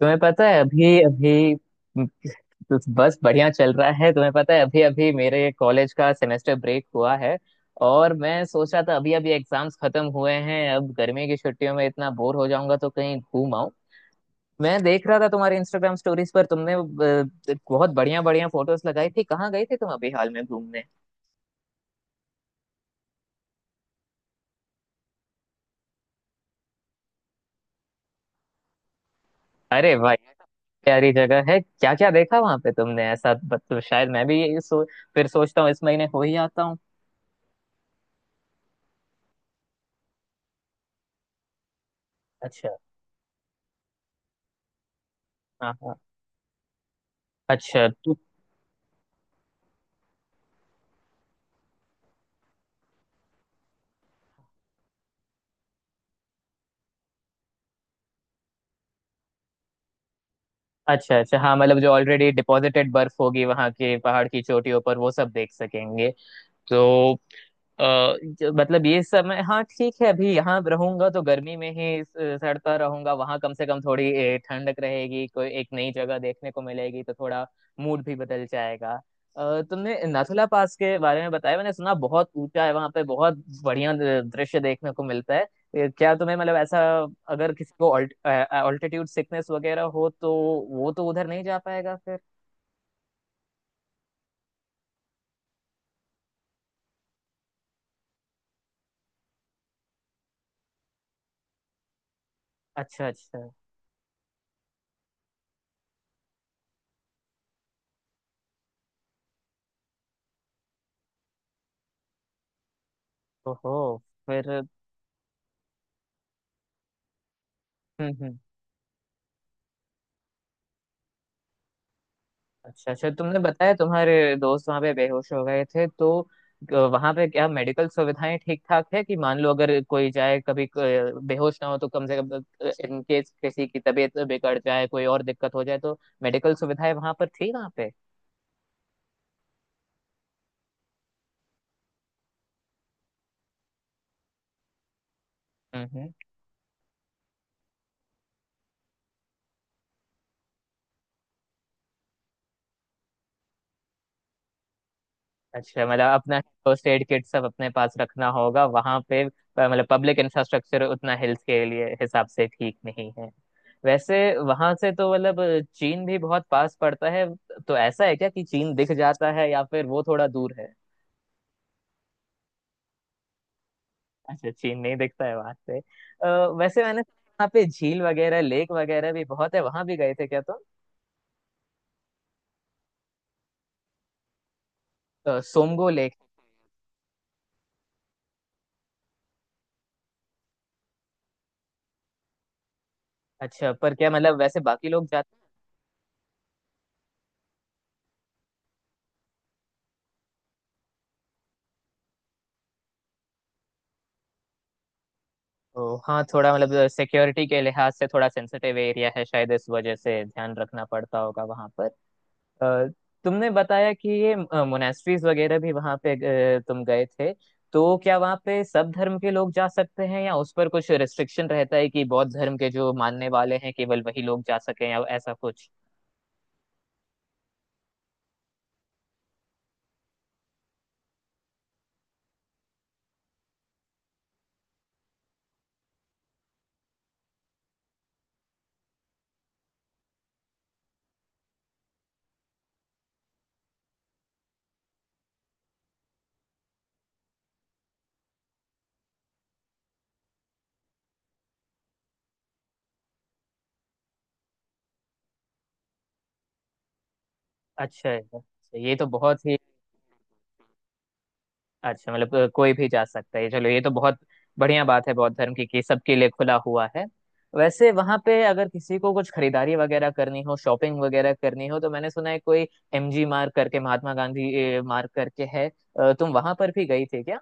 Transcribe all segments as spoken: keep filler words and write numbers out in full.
तुम्हें पता है अभी अभी तो बस बढ़िया चल रहा है। तुम्हें पता है अभी अभी मेरे कॉलेज का सेमेस्टर ब्रेक हुआ है। और मैं सोच रहा था अभी अभी एग्जाम्स खत्म हुए हैं, अब गर्मी की छुट्टियों में इतना बोर हो जाऊंगा तो कहीं घूम आऊं। मैं देख रहा था तुम्हारे इंस्टाग्राम स्टोरीज पर तुमने अ, बहुत बढ़िया बढ़िया फोटोज लगाई थी, कहाँ गई थी तुम अभी हाल में घूमने? अरे भाई प्यारी जगह है, क्या क्या देखा वहां पे तुमने ऐसा? ब- तो शायद मैं भी ये सो, फिर सोचता हूँ इस महीने हो ही आता हूँ। अच्छा। हाँ हाँ। अच्छा तो। अच्छा अच्छा हाँ, मतलब जो ऑलरेडी डिपॉजिटेड बर्फ होगी वहाँ के पहाड़ की चोटियों पर वो सब देख सकेंगे तो। अ, जो- मतलब ये समय हाँ ठीक है, अभी यहाँ रहूंगा तो गर्मी में ही स- सड़ता रहूंगा, वहां कम से कम थोड़ी ए, ठंडक रहेगी, कोई एक नई जगह देखने को मिलेगी तो थोड़ा मूड भी बदल जाएगा। अ, तुमने नाथुला पास के बारे में बताया, मैंने सुना बहुत ऊंचा है वहां पे, बहुत बढ़िया द- दृश्य देखने को मिलता है। ए, क्या तुम्हें मतलब ऐसा, अगर किसी को ऑल्टीट्यूड सिकनेस वगैरह हो तो वो तो उधर नहीं जा पाएगा फिर। अच्छा अच्छा। ओहो। फिर। हम्म हम्म। अच्छा अच्छा, तुमने बताया तुम्हारे दोस्त वहां पे बेहोश हो गए थे तो वहां पे क्या मेडिकल सुविधाएं ठीक ठाक है कि मान लो अगर कोई जाए कभी क- बेहोश ना हो तो कम से कम इन केस किसी की तबीयत बिगड़ जाए कोई और दिक्कत हो जाए तो मेडिकल सुविधाएं वहां पर थी वहां पे? हम्म। अच्छा मतलब अपना फर्स्ट एड किट सब अपने पास रखना होगा वहां पे। अ, मतलब पब्लिक इंफ्रास्ट्रक्चर उतना हेल्थ के लिए हिसाब से ठीक नहीं है। वैसे वहां से तो मतलब अ, चीन भी बहुत पास पड़ता है तो ऐसा है क्या कि चीन दिख जाता है या फिर वो थोड़ा दूर है? अच्छा, चीन नहीं दिखता है वहां से। अ, वैसे मैंने सुना वहाँ पे झील वगैरह लेक वगैरह भी बहुत है, वहां भी गए थे क्या तुम? तो? सोमगो लेक। अच्छा पर क्या मतलब वैसे बाकी लोग जाते तो। हाँ थोड़ा मतलब सिक्योरिटी के लिहाज से थोड़ा सेंसिटिव एरिया है शायद, इस वजह से ध्यान रखना पड़ता होगा वहां पर। अ, तुमने बताया कि ये मोनेस्ट्रीज वगैरह भी वहां पे अ, तुम गए थे, तो क्या वहां पे सब धर्म के लोग जा सकते हैं या उस पर कुछ रिस्ट्रिक्शन रहता है कि बौद्ध धर्म के जो मानने वाले हैं केवल वही लोग जा सके या ऐसा कुछ? अच्छा है तो। ये तो बहुत ही अच्छा, मतलब अ, कोई भी जा सकता है, चलो ये तो बहुत बढ़िया बात है बौद्ध धर्म की कि सबके लिए खुला हुआ है। वैसे वहां पे अगर किसी को कुछ खरीदारी वगैरह करनी हो शॉपिंग वगैरह करनी हो, तो मैंने सुना है कोई एम जी मार्ग करके, महात्मा गांधी अ, मार्ग करके है। अ, तुम वहां पर भी गई थी क्या?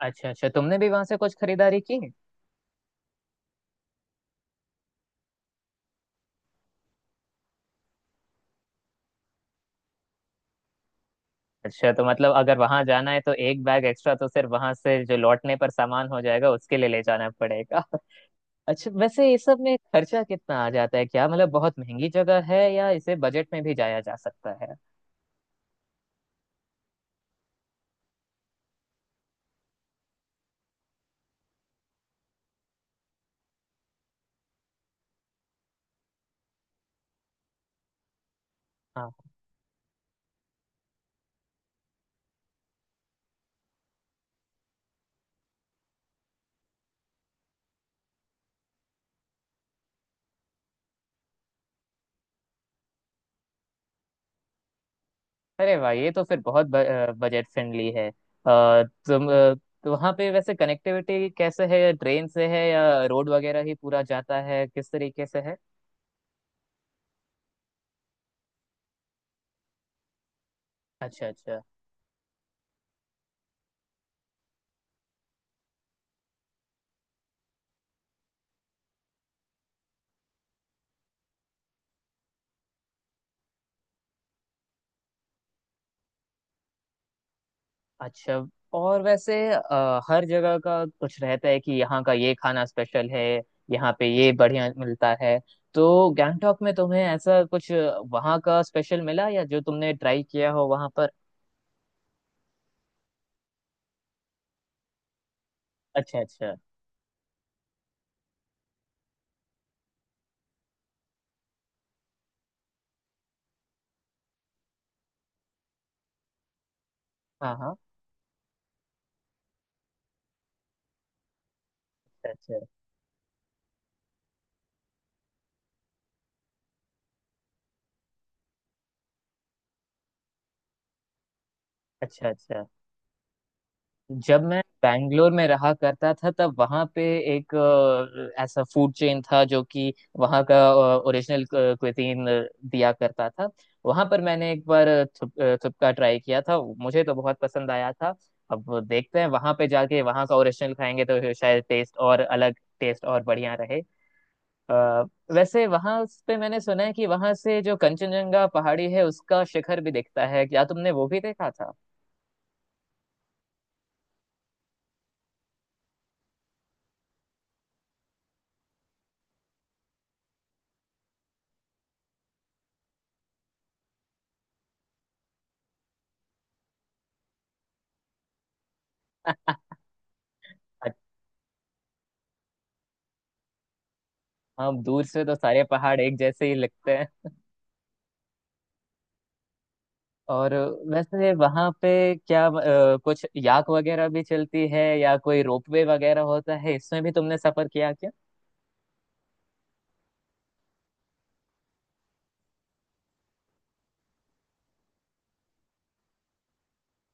अच्छा अच्छा, तुमने भी वहां से कुछ खरीदारी की? अच्छा तो मतलब अगर वहां जाना है तो एक बैग एक्स्ट्रा तो सिर्फ वहां से जो लौटने पर सामान हो जाएगा उसके लिए ले जाना पड़ेगा। अच्छा वैसे ये सब में खर्चा कितना आ जाता है, क्या मतलब बहुत महंगी जगह है या इसे बजट में भी जाया जा सकता है? हाँ। अरे वाह ये तो फिर बहुत बजट फ्रेंडली है। अ, तुम अ, तो वहाँ पे वैसे कनेक्टिविटी कैसे है, ट्रेन से है या रोड वगैरह ही पूरा जाता है, किस तरीके से है? अच्छा अच्छा अच्छा। और वैसे अ, हर जगह का कुछ रहता है कि यहाँ का ये खाना स्पेशल है, यहाँ पे ये बढ़िया मिलता है, तो गैंगटॉक में तुम्हें ऐसा कुछ वहाँ का स्पेशल मिला या जो तुमने ट्राई किया हो वहाँ पर? अच्छा अच्छा। हाँ हाँ। अच्छा अच्छा अच्छा। अच्छा, जब मैं बैंगलोर में रहा करता था तब वहां पे एक अ, ऐसा फूड चेन था जो कि वहां का ओरिजिनल क्विजीन दिया करता था। वहां पर मैंने एक बार थुप, अ, थुपका ट्राई किया था, मुझे तो बहुत पसंद आया था। अब देखते हैं वहां पे जाके वहां का ओरिजिनल खाएंगे तो शायद टेस्ट और अलग, टेस्ट और बढ़िया रहे। अ, वैसे वहां पे मैंने सुना है कि वहां से जो कंचनजंगा पहाड़ी है उसका शिखर भी दिखता है, क्या तुमने वो भी देखा था? हाँ दूर से तो सारे पहाड़ एक जैसे ही लगते हैं। और वैसे वहां पे क्या अ, कुछ याक वगैरह भी चलती है या कोई रोपवे वगैरह होता है, इसमें भी तुमने सफर किया क्या?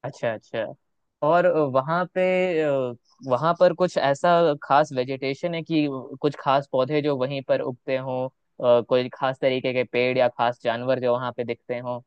अच्छा अच्छा। और वहां पे अ, वहां पर कुछ ऐसा खास वेजिटेशन है कि कुछ खास पौधे जो वहीं पर उगते हों, अ, कोई खास तरीके के पेड़ या खास जानवर जो वहां पे दिखते हों?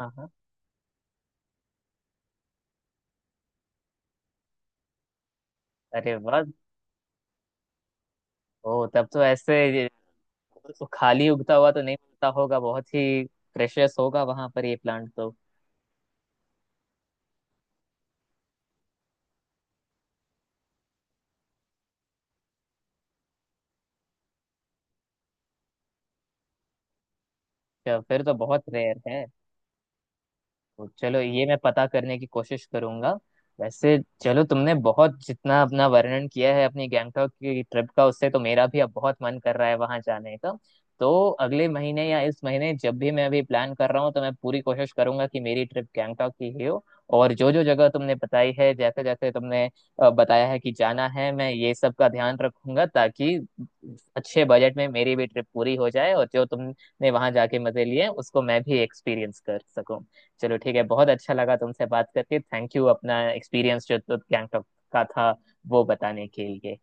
हाँ हाँ। अरे वाह। ओ तब तो ऐसे ये- खाली उगता हुआ तो नहीं मिलता होगा, बहुत ही प्रेशियस होगा वहां पर ये प्लांट तो। क्या- फिर तो बहुत रेयर है। तो चलो ये मैं पता करने की कोशिश करूंगा। वैसे चलो तुमने बहुत जितना अपना वर्णन किया है अपनी गैंगटॉक की ट्रिप का, उससे तो मेरा भी अब बहुत मन कर रहा है वहां जाने का। तो अगले महीने या इस महीने जब भी मैं अभी प्लान कर रहा हूँ तो मैं पूरी कोशिश करूंगा कि मेरी ट्रिप गैंगटॉक की ही हो। और जो जो जगह तुमने बताई है जैसे जैसे तुमने अ, बताया है कि जाना है, मैं ये सब का ध्यान रखूंगा ताकि अच्छे बजट में मेरी भी ट्रिप पूरी हो जाए और जो तुमने वहां जाके मजे लिए हैं, उसको मैं भी एक्सपीरियंस कर सकूं। चलो ठीक है, बहुत अच्छा लगा तुमसे बात करके, थैंक यू अपना एक्सपीरियंस जो तो गैंगटॉक का था वो बताने के लिए।